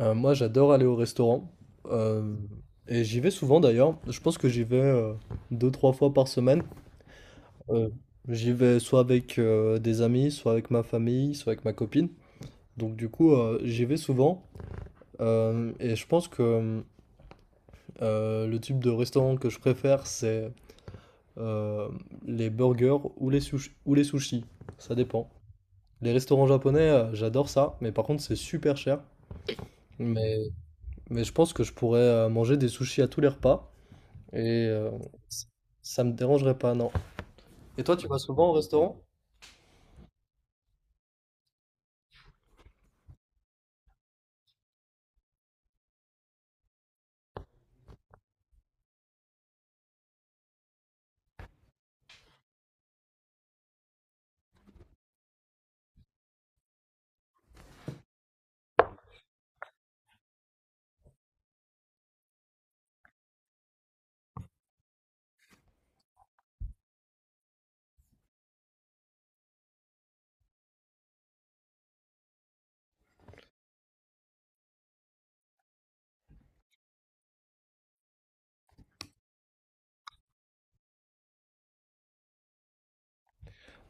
Moi, j'adore aller au restaurant. euh, et j'y vais souvent d'ailleurs. Je pense que j'y vais deux, trois fois par semaine. Euh, J'y vais soit avec des amis, soit avec ma famille, soit avec ma copine. Donc du coup, j'y vais souvent. Et je pense que le type de restaurant que je préfère, c'est euh, les burgers ou les ou les sushis. Ça dépend. Les restaurants japonais, j'adore ça. Mais par contre, c'est super cher. Mais, mais je pense que je pourrais manger des sushis à tous les repas. Et ça me dérangerait pas, non. Et toi, tu vas souvent au restaurant?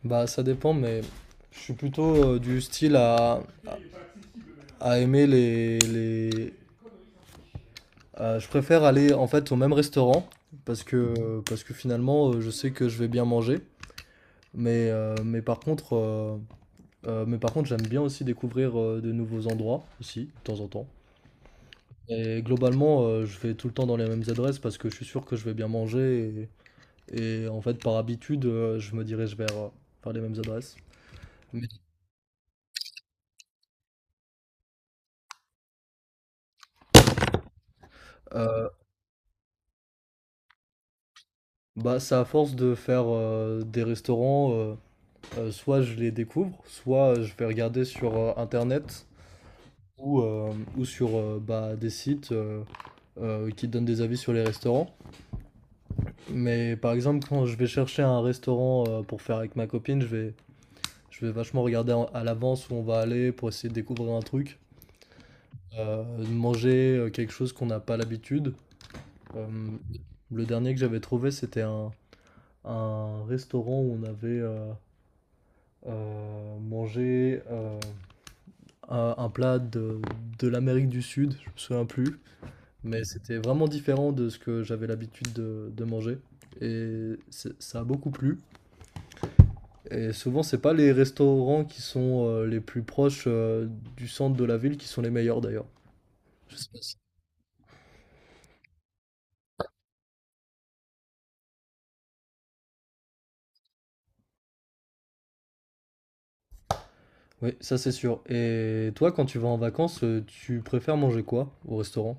Bah, ça dépend, mais je suis plutôt du style à aimer les... je préfère aller en fait au même restaurant parce que finalement, je sais que je vais bien manger. Mais, euh, mais par contre, euh, mais par contre, j'aime bien aussi découvrir de nouveaux endroits aussi, de temps en temps. Et globalement, je vais tout le temps dans les mêmes adresses parce que je suis sûr que je vais bien manger. Et en fait, par habitude, je me dirige vers les mêmes adresses. Mais, heu, bah, c'est à force de faire, des restaurants, soit je les découvre, soit, je vais regarder sur, internet ou, ou sur, bah, des sites, qui donnent des avis sur les restaurants. Mais par exemple, quand je vais chercher un restaurant, pour faire avec ma copine, je vais vachement regarder en à l'avance où on va aller pour essayer de découvrir un truc, de manger, quelque chose qu'on n'a pas l'habitude. Euh, le dernier que j'avais trouvé, c'était un restaurant où on avait mangé un plat de l'Amérique du Sud, je me souviens plus, mais c'était vraiment différent de ce que j'avais l'habitude de manger. Ça a beaucoup plu. Et souvent, c'est pas les restaurants qui sont les plus proches du centre de la ville qui sont les meilleurs d'ailleurs. Je sais pas si- Oui, ça c'est sûr. Et toi, quand tu vas en vacances, tu préfères manger quoi au restaurant?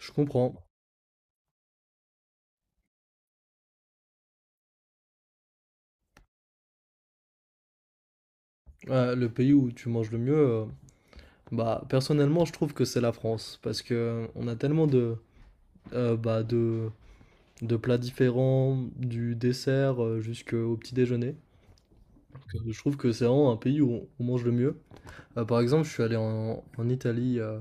Je comprends. Ouais, le pays où tu manges le mieux, bah personnellement je trouve que c'est la France parce que on a tellement de bah, de plats différents, du dessert jusqu'au petit déjeuner. Que je trouve que c'est vraiment un pays où on mange le mieux. Par exemple, je suis allé en, en Italie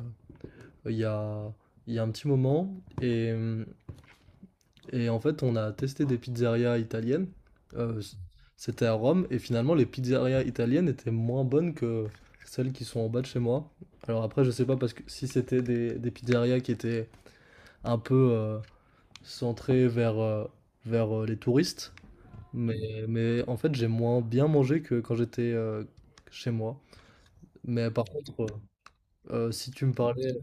il y a il y a un petit moment et et en fait, on a testé des pizzerias italiennes. Euh, c- C'était à Rome. Et finalement, les pizzerias italiennes étaient moins bonnes que celles qui sont en bas de chez moi. Alors après, je sais pas parce que si c'était des pizzerias qui étaient un peu centrées vers, vers les touristes. Mais en fait, j'ai moins bien mangé que quand j'étais chez moi. Mais par contre, si tu me parlais.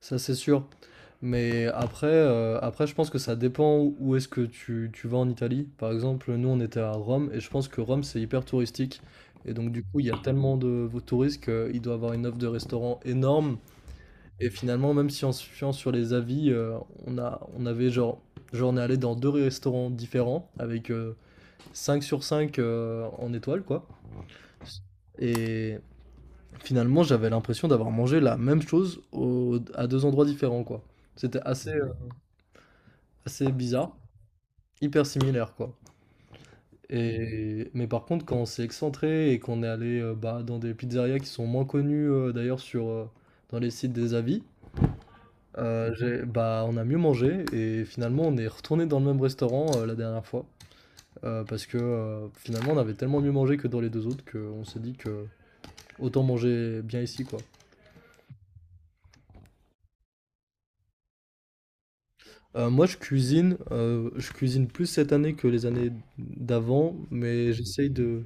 Ça, c'est sûr. Mais après, après, je pense que ça dépend où où est-ce que tu vas en Italie. Par exemple, nous, on était à Rome et je pense que Rome, c'est hyper touristique. Et donc, du coup, il y a tellement de touristes qu'il doit avoir une offre de restaurants énorme. Et finalement, même si on se fiant sur les avis, on a, on avait genre, on est allé dans deux restaurants différents avec 5 sur 5 en étoile, quoi. Et finalement, j'avais l'impression d'avoir mangé la même chose à deux endroits différents, quoi. C'était assez bizarre, hyper similaire quoi. Et mais par contre, quand on s'est excentré et qu'on est allé bah, dans des pizzerias qui sont moins connues d'ailleurs sur dans les sites des avis, bah on a mieux mangé et finalement on est retourné dans le même restaurant la dernière fois. Parce que finalement on avait tellement mieux mangé que dans les deux autres qu'on s'est dit que autant manger bien ici quoi. Moi je cuisine plus cette année que les années d'avant, mais j'essaye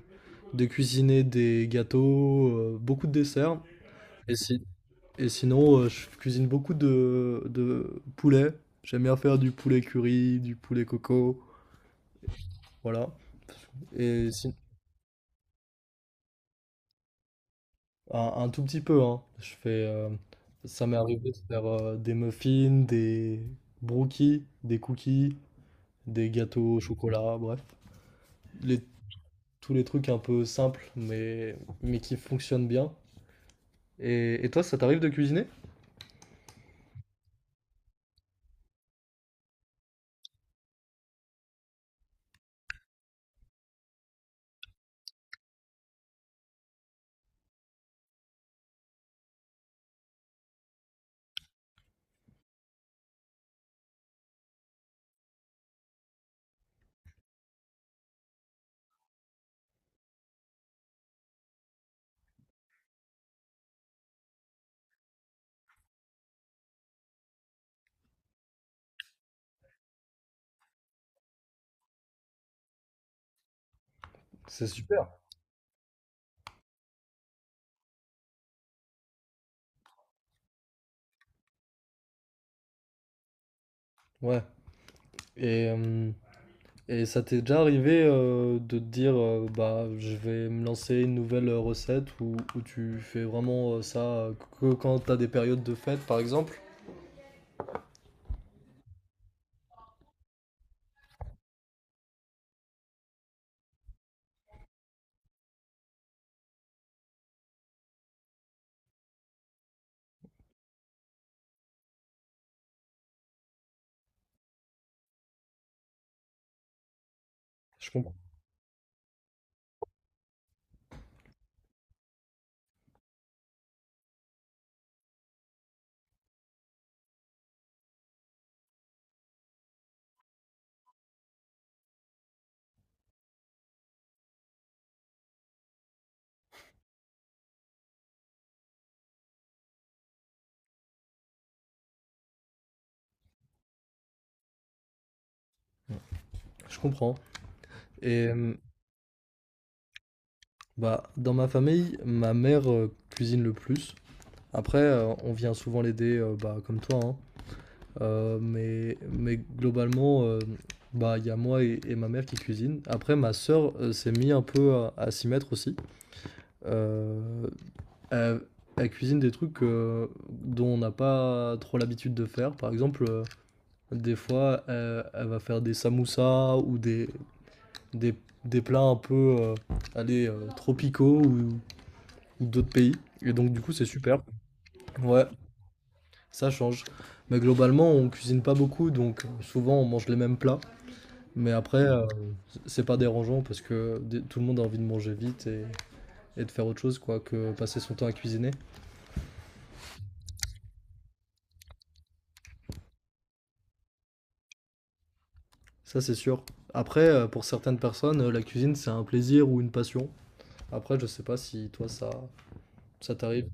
de cuisiner des gâteaux, beaucoup de desserts. Et, si- Et sinon, je cuisine beaucoup de poulet. J'aime bien faire du poulet curry, du poulet coco, voilà. Et si- un tout petit peu, hein. Je fais, ça m'est arrivé de faire des muffins, des brookies, des cookies, des gâteaux au chocolat, bref. Les- Tous les trucs un peu simples, mais qui fonctionnent bien. Et toi, ça t'arrive de cuisiner? C'est super. Ouais. Et, et ça t'est déjà arrivé de te dire bah je vais me lancer une nouvelle recette ou tu fais vraiment ça que quand t'as des périodes de fête par exemple? Je comprends. Je comprends. Et bah dans ma famille, ma mère cuisine le plus. Après, on vient souvent l'aider bah, comme toi, hein. Mais globalement, bah il y a moi et ma mère qui cuisinent. Après, ma sœur s'est mis un peu à s'y mettre aussi. Euh, Elle, elle cuisine des trucs dont on n'a pas trop l'habitude de faire. Par exemple, des fois, elle va faire des samoussas ou des, des plats un peu allez, tropicaux ou d'autres pays. Et donc, du coup, c'est super. Ouais, ça change. Mais globalement, on cuisine pas beaucoup, donc souvent, on mange les mêmes plats. Mais après, c'est pas dérangeant parce que tout le monde a envie de manger vite et de faire autre chose, quoi, que passer son temps à cuisiner. Ça, c'est sûr. Après, pour certaines personnes, la cuisine, c'est un plaisir ou une passion. Après, je sais pas si toi, ça t'arrive